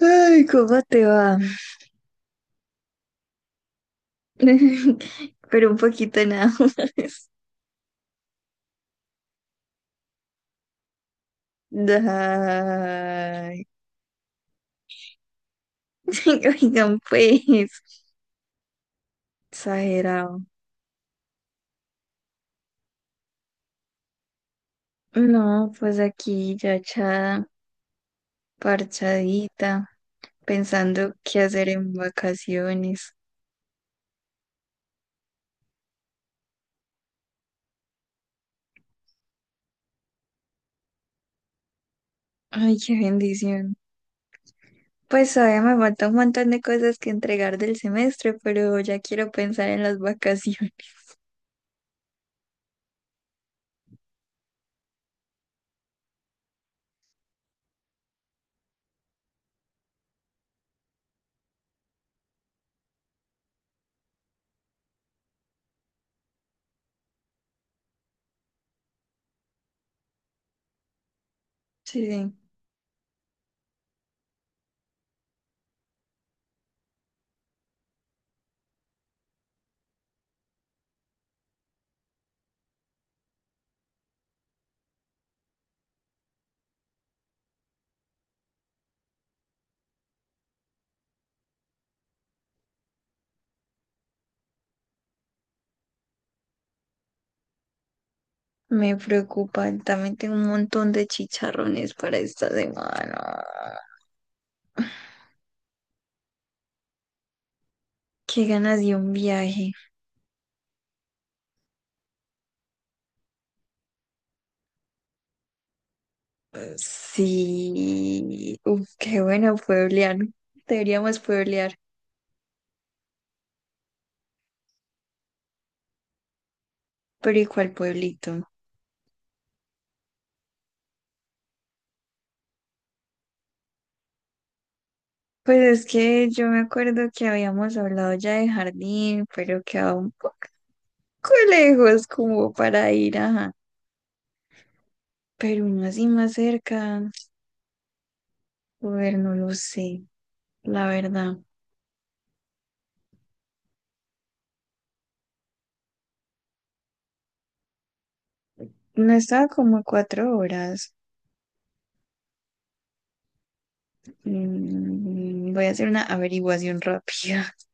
Ay, ¿cómo te va? Pero un poquito nada más. Ay, oigan, pues, exagerado. No, pues aquí ya echada, parchadita, pensando qué hacer en vacaciones. Ay, qué bendición. Pues todavía me falta un montón de cosas que entregar del semestre, pero ya quiero pensar en las vacaciones. Sí, sí. Me preocupa, también tengo un montón de chicharrones para esta semana. Qué ganas de un viaje. Sí, uf, qué bueno pueblear. Deberíamos pueblear, pero ¿y cuál pueblito? Pues es que yo me acuerdo que habíamos hablado ya de Jardín, pero quedaba un poco lejos como para ir, ajá. Pero uno así más cerca, joder, no lo sé, la verdad. No estaba como a 4 horas. Mm, voy a hacer una averiguación rápida.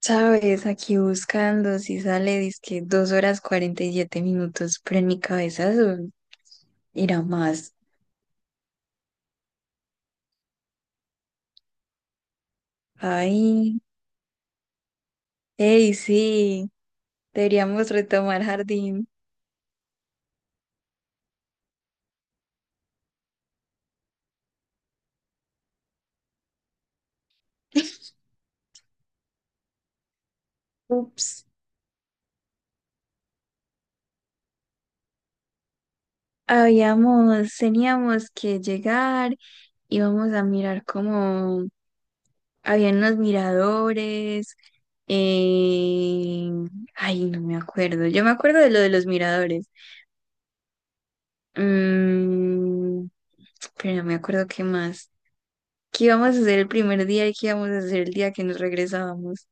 Sabes, aquí buscando si sale, dizque 2 horas 47 minutos, pero en mi cabeza eso era más. Ay, hey, sí, deberíamos retomar Jardín. Ups, teníamos que llegar, íbamos a mirar como habían unos miradores. eh, Ay, no me acuerdo. Yo me acuerdo de lo de los miradores. Mm, pero no me acuerdo qué más. ¿Qué íbamos a hacer el primer día y qué íbamos a hacer el día que nos regresábamos?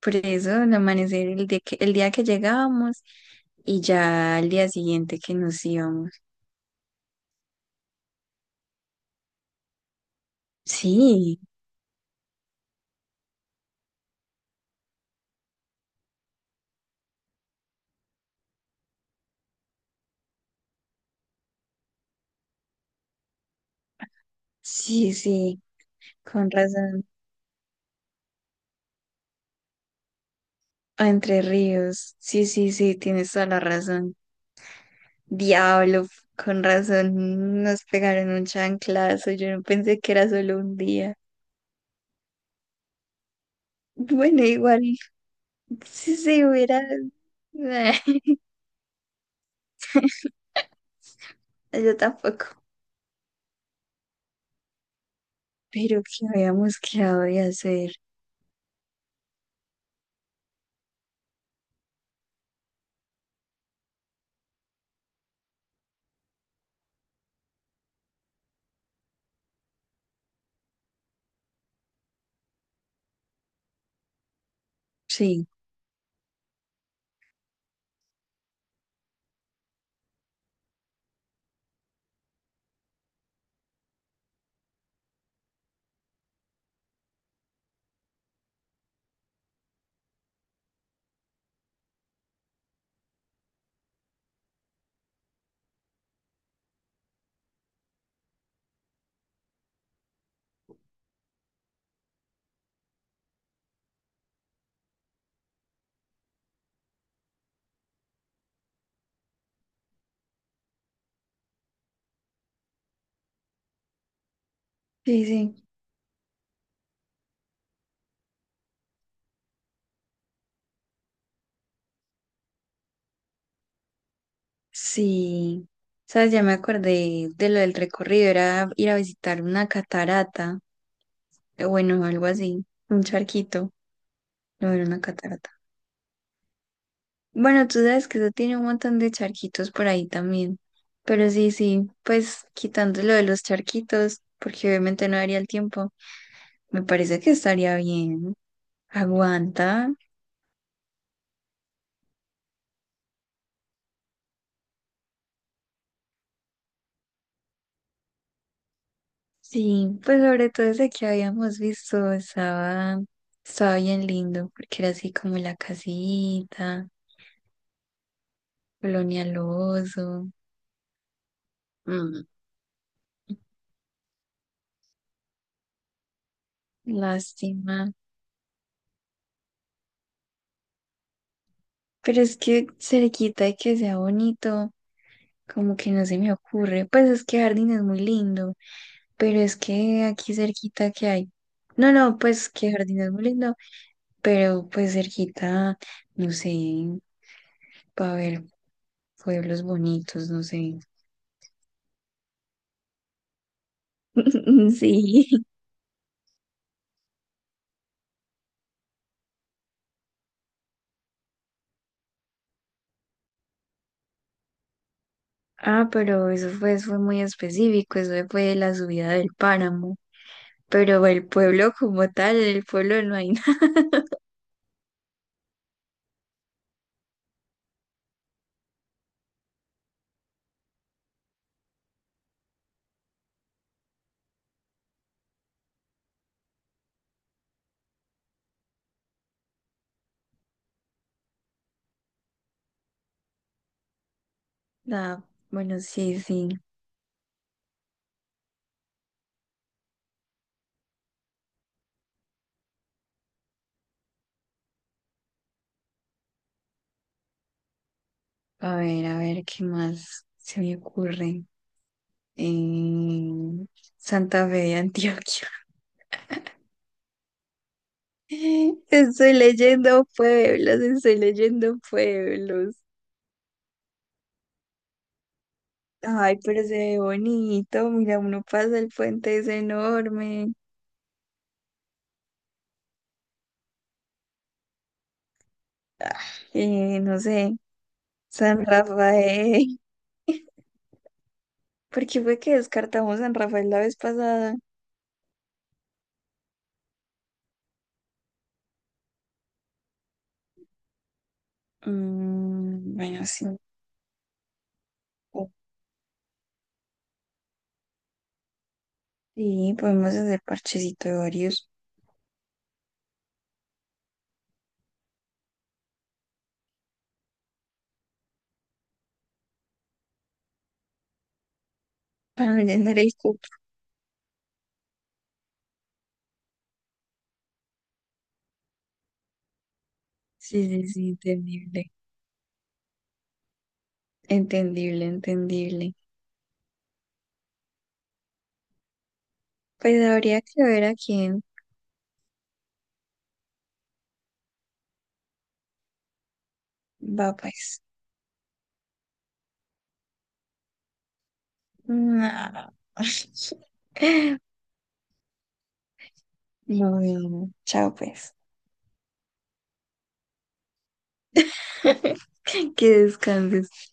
Por eso, el amanecer, el día que llegábamos y ya al día siguiente que nos íbamos. Sí, sí, sí, con razón. A Entre Ríos, sí, sí, sí, tienes toda la razón. Diablo, con razón, nos pegaron un chanclazo. Yo no pensé que era solo un día. Bueno, igual, si se hubiera... Yo tampoco. Pero que habíamos quedado de hacer. Sí, sí, sí. Sí. ¿Sabes? Ya me acordé de lo del recorrido. Era ir a visitar una catarata. Bueno, algo así. Un charquito. No era una catarata. Bueno, tú sabes que eso tiene un montón de charquitos por ahí también. Pero sí, sí. Pues quitando lo de los charquitos, porque obviamente no daría el tiempo. Me parece que estaría bien. Aguanta. Sí, pues sobre todo ese que habíamos visto estaba, estaba bien lindo, porque era así como la casita, Colonial Oso. Mm, lástima. Pero es que cerquita de que sea bonito, como que no se me ocurre. Pues es que Jardín es muy lindo, pero es que aquí cerquita que hay. No, no, pues que Jardín es muy lindo, pero pues cerquita, no sé, para ver pueblos bonitos, no sé. Sí. Ah, pero eso fue muy específico, eso fue la subida del páramo. Pero el pueblo como tal, el pueblo no hay nada. Bueno, sí, sí. A ver, ¿qué más se me ocurre? En Santa Fe de Antioquia. Estoy leyendo pueblos, estoy leyendo pueblos. Ay, pero se ve bonito. Mira, uno pasa el puente, es enorme. Ah, no sé, San Rafael. Porque fue que descartamos en Rafael la vez pasada. Mm, bueno, sí. Sí, podemos hacer parchecito de varios para no llenar el cupo. Sí, sí, sí, entendible. Entendible, entendible. Pues habría que ver a quién va, pues. No. No, no, no. Chao, pues. Que descanses.